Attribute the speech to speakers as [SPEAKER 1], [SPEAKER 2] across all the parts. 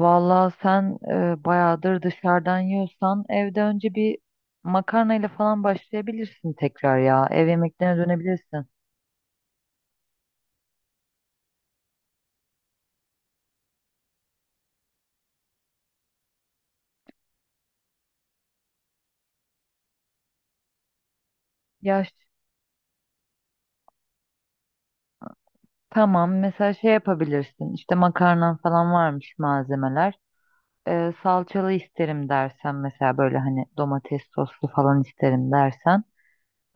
[SPEAKER 1] Vallahi sen bayağıdır dışarıdan yiyorsan evde önce bir makarnayla falan başlayabilirsin tekrar ya. Ev yemeklerine dönebilirsin. Ya ş- tamam, mesela şey yapabilirsin. İşte makarnan falan varmış malzemeler. Salçalı isterim dersen, mesela böyle hani domates soslu falan isterim dersen,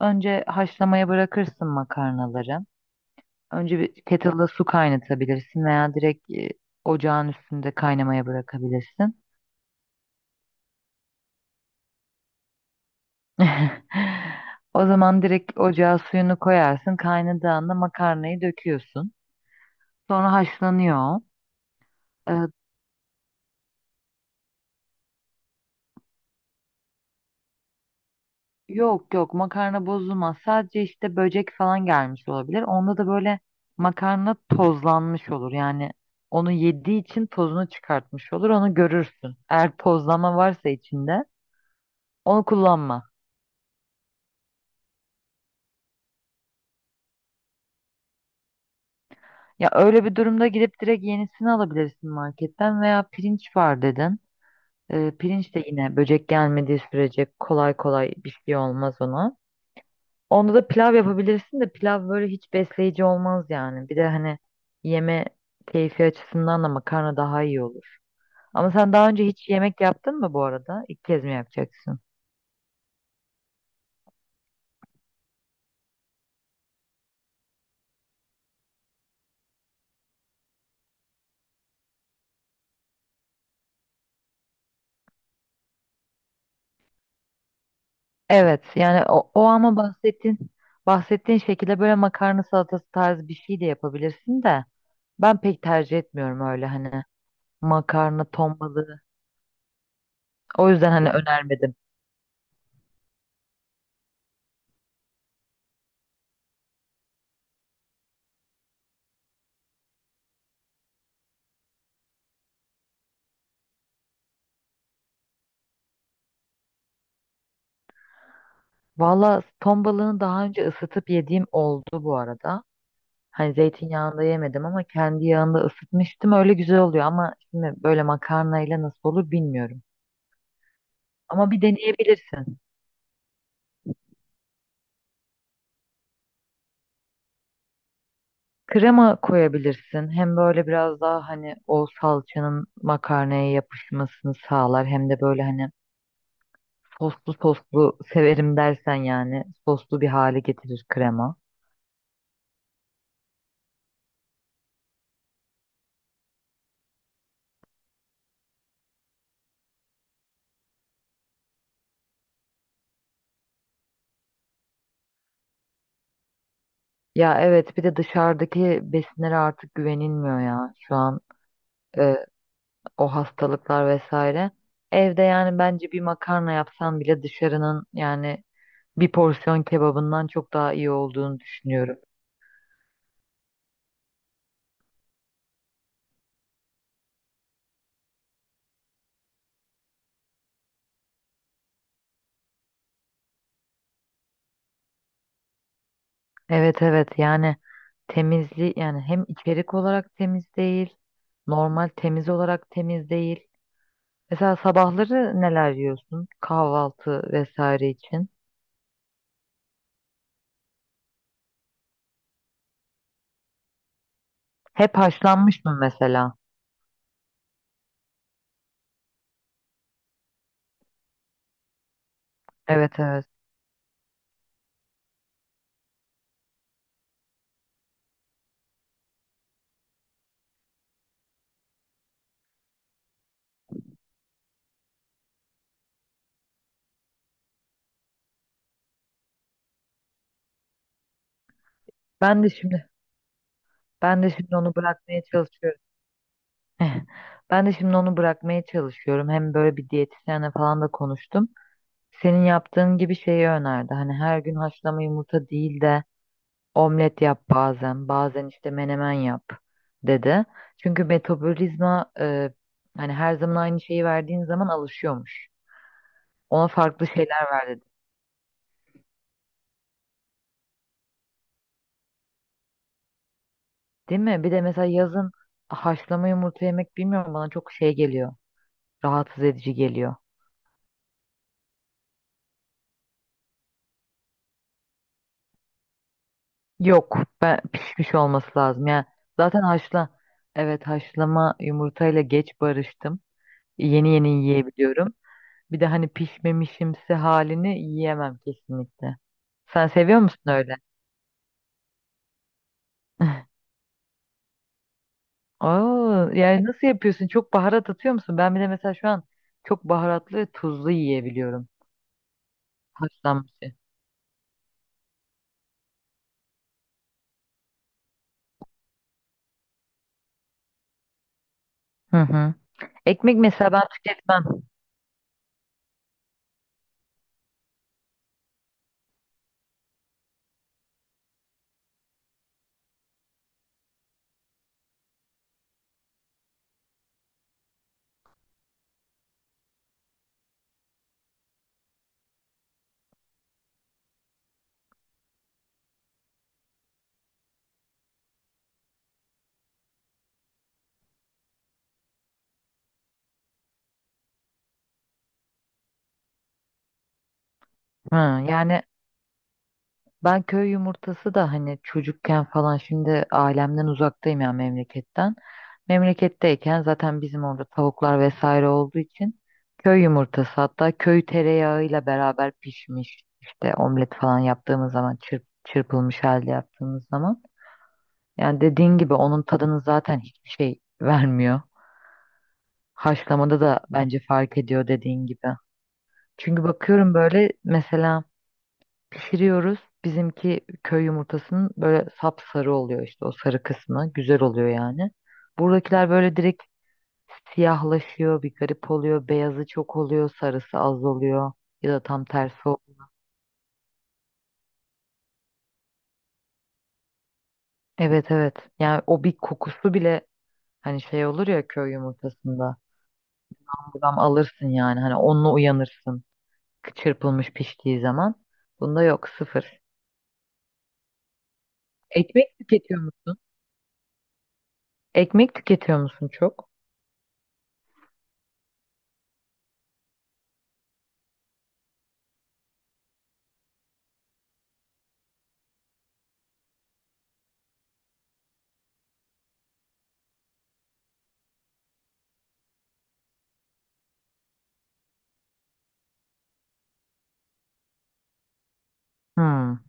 [SPEAKER 1] önce haşlamaya bırakırsın makarnaları. Önce bir kettle'da su kaynatabilirsin veya direkt ocağın üstünde kaynamaya bırakabilirsin. O zaman direkt ocağa suyunu koyarsın. Kaynadığında makarnayı döküyorsun. Sonra haşlanıyor. E, Yok yok, makarna bozulmaz. Sadece işte böcek falan gelmiş olabilir. Onda da böyle makarna tozlanmış olur. Yani onu yediği için tozunu çıkartmış olur. Onu görürsün. Eğer tozlama varsa içinde onu kullanma. Ya öyle bir durumda gidip direkt yenisini alabilirsin marketten, veya pirinç var dedin. Pirinç de yine böcek gelmediği sürece kolay kolay bir şey olmaz ona. Onda da pilav yapabilirsin de pilav böyle hiç besleyici olmaz yani. Bir de hani yeme keyfi açısından da makarna daha iyi olur. Ama sen daha önce hiç yemek yaptın mı bu arada? İlk kez mi yapacaksın? Evet yani o ama bahsettiğin şekilde böyle makarna salatası tarzı bir şey de yapabilirsin de, ben pek tercih etmiyorum öyle hani makarna ton balığı. O yüzden hani önermedim. Valla, ton balığını daha önce ısıtıp yediğim oldu bu arada. Hani zeytinyağında yemedim ama kendi yağında ısıtmıştım. Öyle güzel oluyor ama şimdi böyle makarnayla nasıl olur bilmiyorum. Ama bir deneyebilirsin. Krema koyabilirsin. Hem böyle biraz daha hani o salçanın makarnaya yapışmasını sağlar, hem de böyle hani soslu soslu severim dersen yani soslu bir hale getirir krema. Ya evet, bir de dışarıdaki besinlere artık güvenilmiyor ya. Şu an e, o hastalıklar vesaire. Evde yani bence bir makarna yapsan bile dışarının yani bir porsiyon kebabından çok daha iyi olduğunu düşünüyorum. Evet evet, yani temizliği, yani hem içerik olarak temiz değil, normal temiz olarak temiz değil. Mesela sabahları neler yiyorsun kahvaltı vesaire için? Hep haşlanmış mı mesela? Evet evet. Ben de şimdi ben de şimdi onu bırakmaya çalışıyorum. Ben de şimdi onu bırakmaya çalışıyorum. Hem böyle bir diyetisyenle falan da konuştum. Senin yaptığın gibi şeyi önerdi. Hani her gün haşlama yumurta değil de omlet yap bazen, bazen işte menemen yap dedi. Çünkü metabolizma hani her zaman aynı şeyi verdiğin zaman alışıyormuş. Ona farklı şeyler ver dedi. Değil mi? Bir de mesela yazın haşlama yumurta yemek bilmiyorum bana çok şey geliyor. Rahatsız edici geliyor. Yok, ben pişmiş olması lazım. Yani zaten haşla Evet, haşlama yumurtayla geç barıştım. Yeni yeni yiyebiliyorum. Bir de hani pişmemişimsi halini yiyemem kesinlikle. Sen seviyor musun öyle? Oo, yani nasıl yapıyorsun? Çok baharat atıyor musun? Ben bir de mesela şu an çok baharatlı ve tuzlu yiyebiliyorum. Haşlanmış. Hı hı. Ekmek mesela ben tüketmem. Hı, yani ben köy yumurtası da hani çocukken falan, şimdi ailemden uzaktayım ya, memleketten. Memleketteyken zaten bizim orada tavuklar vesaire olduğu için köy yumurtası, hatta köy tereyağıyla beraber pişmiş işte omlet falan yaptığımız zaman, çırpılmış halde yaptığımız zaman. Yani dediğin gibi onun tadını zaten hiçbir şey vermiyor. Haşlamada da bence fark ediyor, dediğin gibi. Çünkü bakıyorum böyle mesela pişiriyoruz. Bizimki köy yumurtasının böyle sapsarı oluyor, işte o sarı kısmı. Güzel oluyor yani. Buradakiler böyle direkt siyahlaşıyor, bir garip oluyor. Beyazı çok oluyor, sarısı az oluyor. Ya da tam tersi oluyor. Evet evet. Yani o bir kokusu bile hani şey olur ya köy yumurtasında. Buradan alırsın yani hani onunla uyanırsın. Çırpılmış piştiği zaman. Bunda yok, sıfır. Ekmek tüketiyor musun? Ekmek tüketiyor musun çok? Hmm.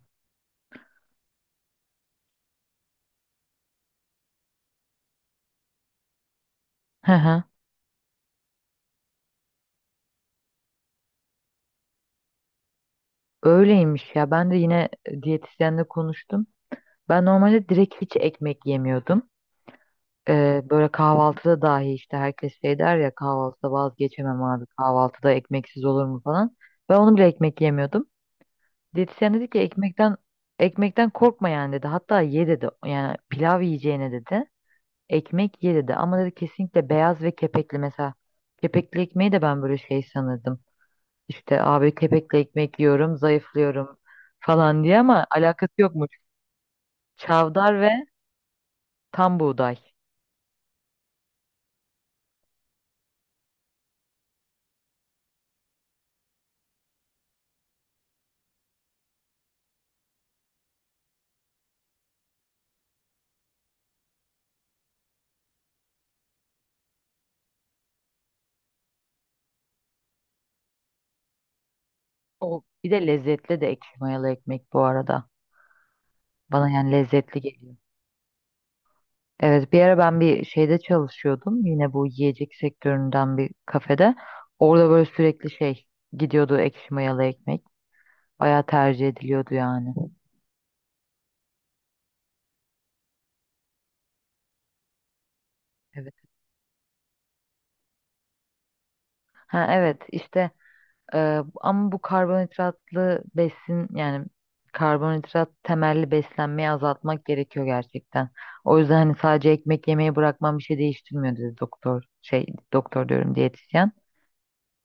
[SPEAKER 1] Hı hı. Öyleymiş ya. Ben de yine diyetisyenle konuştum. Ben normalde direkt hiç ekmek yemiyordum. Böyle kahvaltıda dahi işte herkes şey der ya, kahvaltıda vazgeçemem abi, kahvaltıda ekmeksiz olur mu falan. Ben onu bile, ekmek yemiyordum. Diyetisyen dedi ki ekmekten korkma yani dedi. Hatta ye dedi. Yani pilav yiyeceğine dedi, ekmek ye dedi. Ama dedi kesinlikle beyaz ve kepekli mesela. Kepekli ekmeği de ben böyle şey sanırdım. İşte abi kepekle ekmek yiyorum, zayıflıyorum falan diye, ama alakası yokmuş. Çavdar ve tam buğday. O bir de lezzetli de ekşi mayalı ekmek bu arada. Bana yani lezzetli geliyor. Evet, bir ara ben bir şeyde çalışıyordum. Yine bu yiyecek sektöründen bir kafede. Orada böyle sürekli şey gidiyordu ekşi mayalı ekmek. Bayağı tercih ediliyordu yani. Evet. Ha evet işte ama bu karbonhidratlı besin yani karbonhidrat temelli beslenmeyi azaltmak gerekiyor gerçekten. O yüzden hani sadece ekmek yemeyi bırakmam bir şey değiştirmiyor dedi doktor. Şey, doktor diyorum, diyetisyen.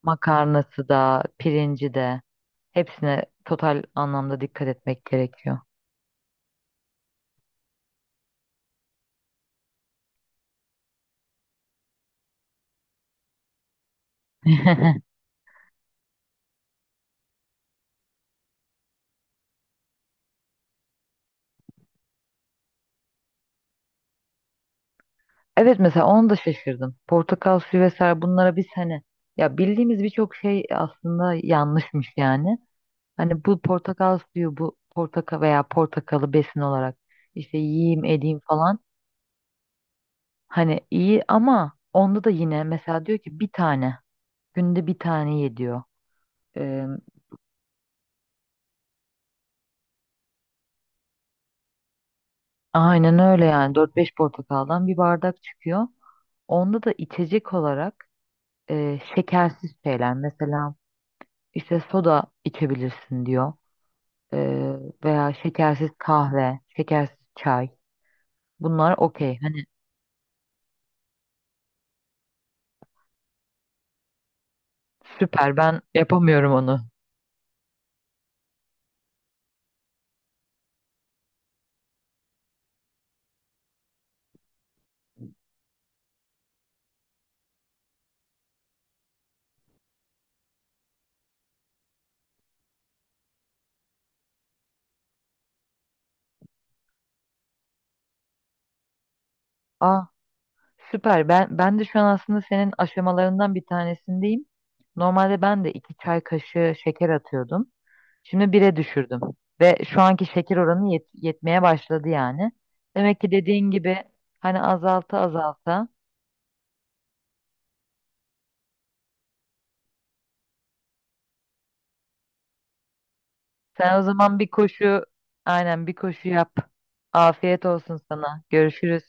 [SPEAKER 1] Makarnası da, pirinci de, hepsine total anlamda dikkat etmek gerekiyor. Evet, mesela onu da şaşırdım. Portakal suyu vesaire, bunlara biz hani ya, bildiğimiz birçok şey aslında yanlışmış yani. Hani bu portakal suyu, bu portakal veya portakalı besin olarak işte yiyeyim edeyim falan. Hani iyi ama onda da yine mesela diyor ki bir tane, günde bir tane ye diyor. Ee, aynen öyle yani dört beş portakaldan bir bardak çıkıyor. Onda da içecek olarak şekersiz şeyler mesela işte soda içebilirsin diyor. Ee, veya şekersiz kahve, şekersiz çay. Bunlar okey. Hani süper, ben yapamıyorum onu. Aa, süper. Ben de şu an aslında senin aşamalarından bir tanesindeyim. Normalde ben de iki çay kaşığı şeker atıyordum. Şimdi bire düşürdüm ve şu anki şeker oranı yetmeye başladı yani. Demek ki dediğin gibi hani azalta azalta. Sen o zaman bir koşu, aynen bir koşu yap. Afiyet olsun sana. Görüşürüz.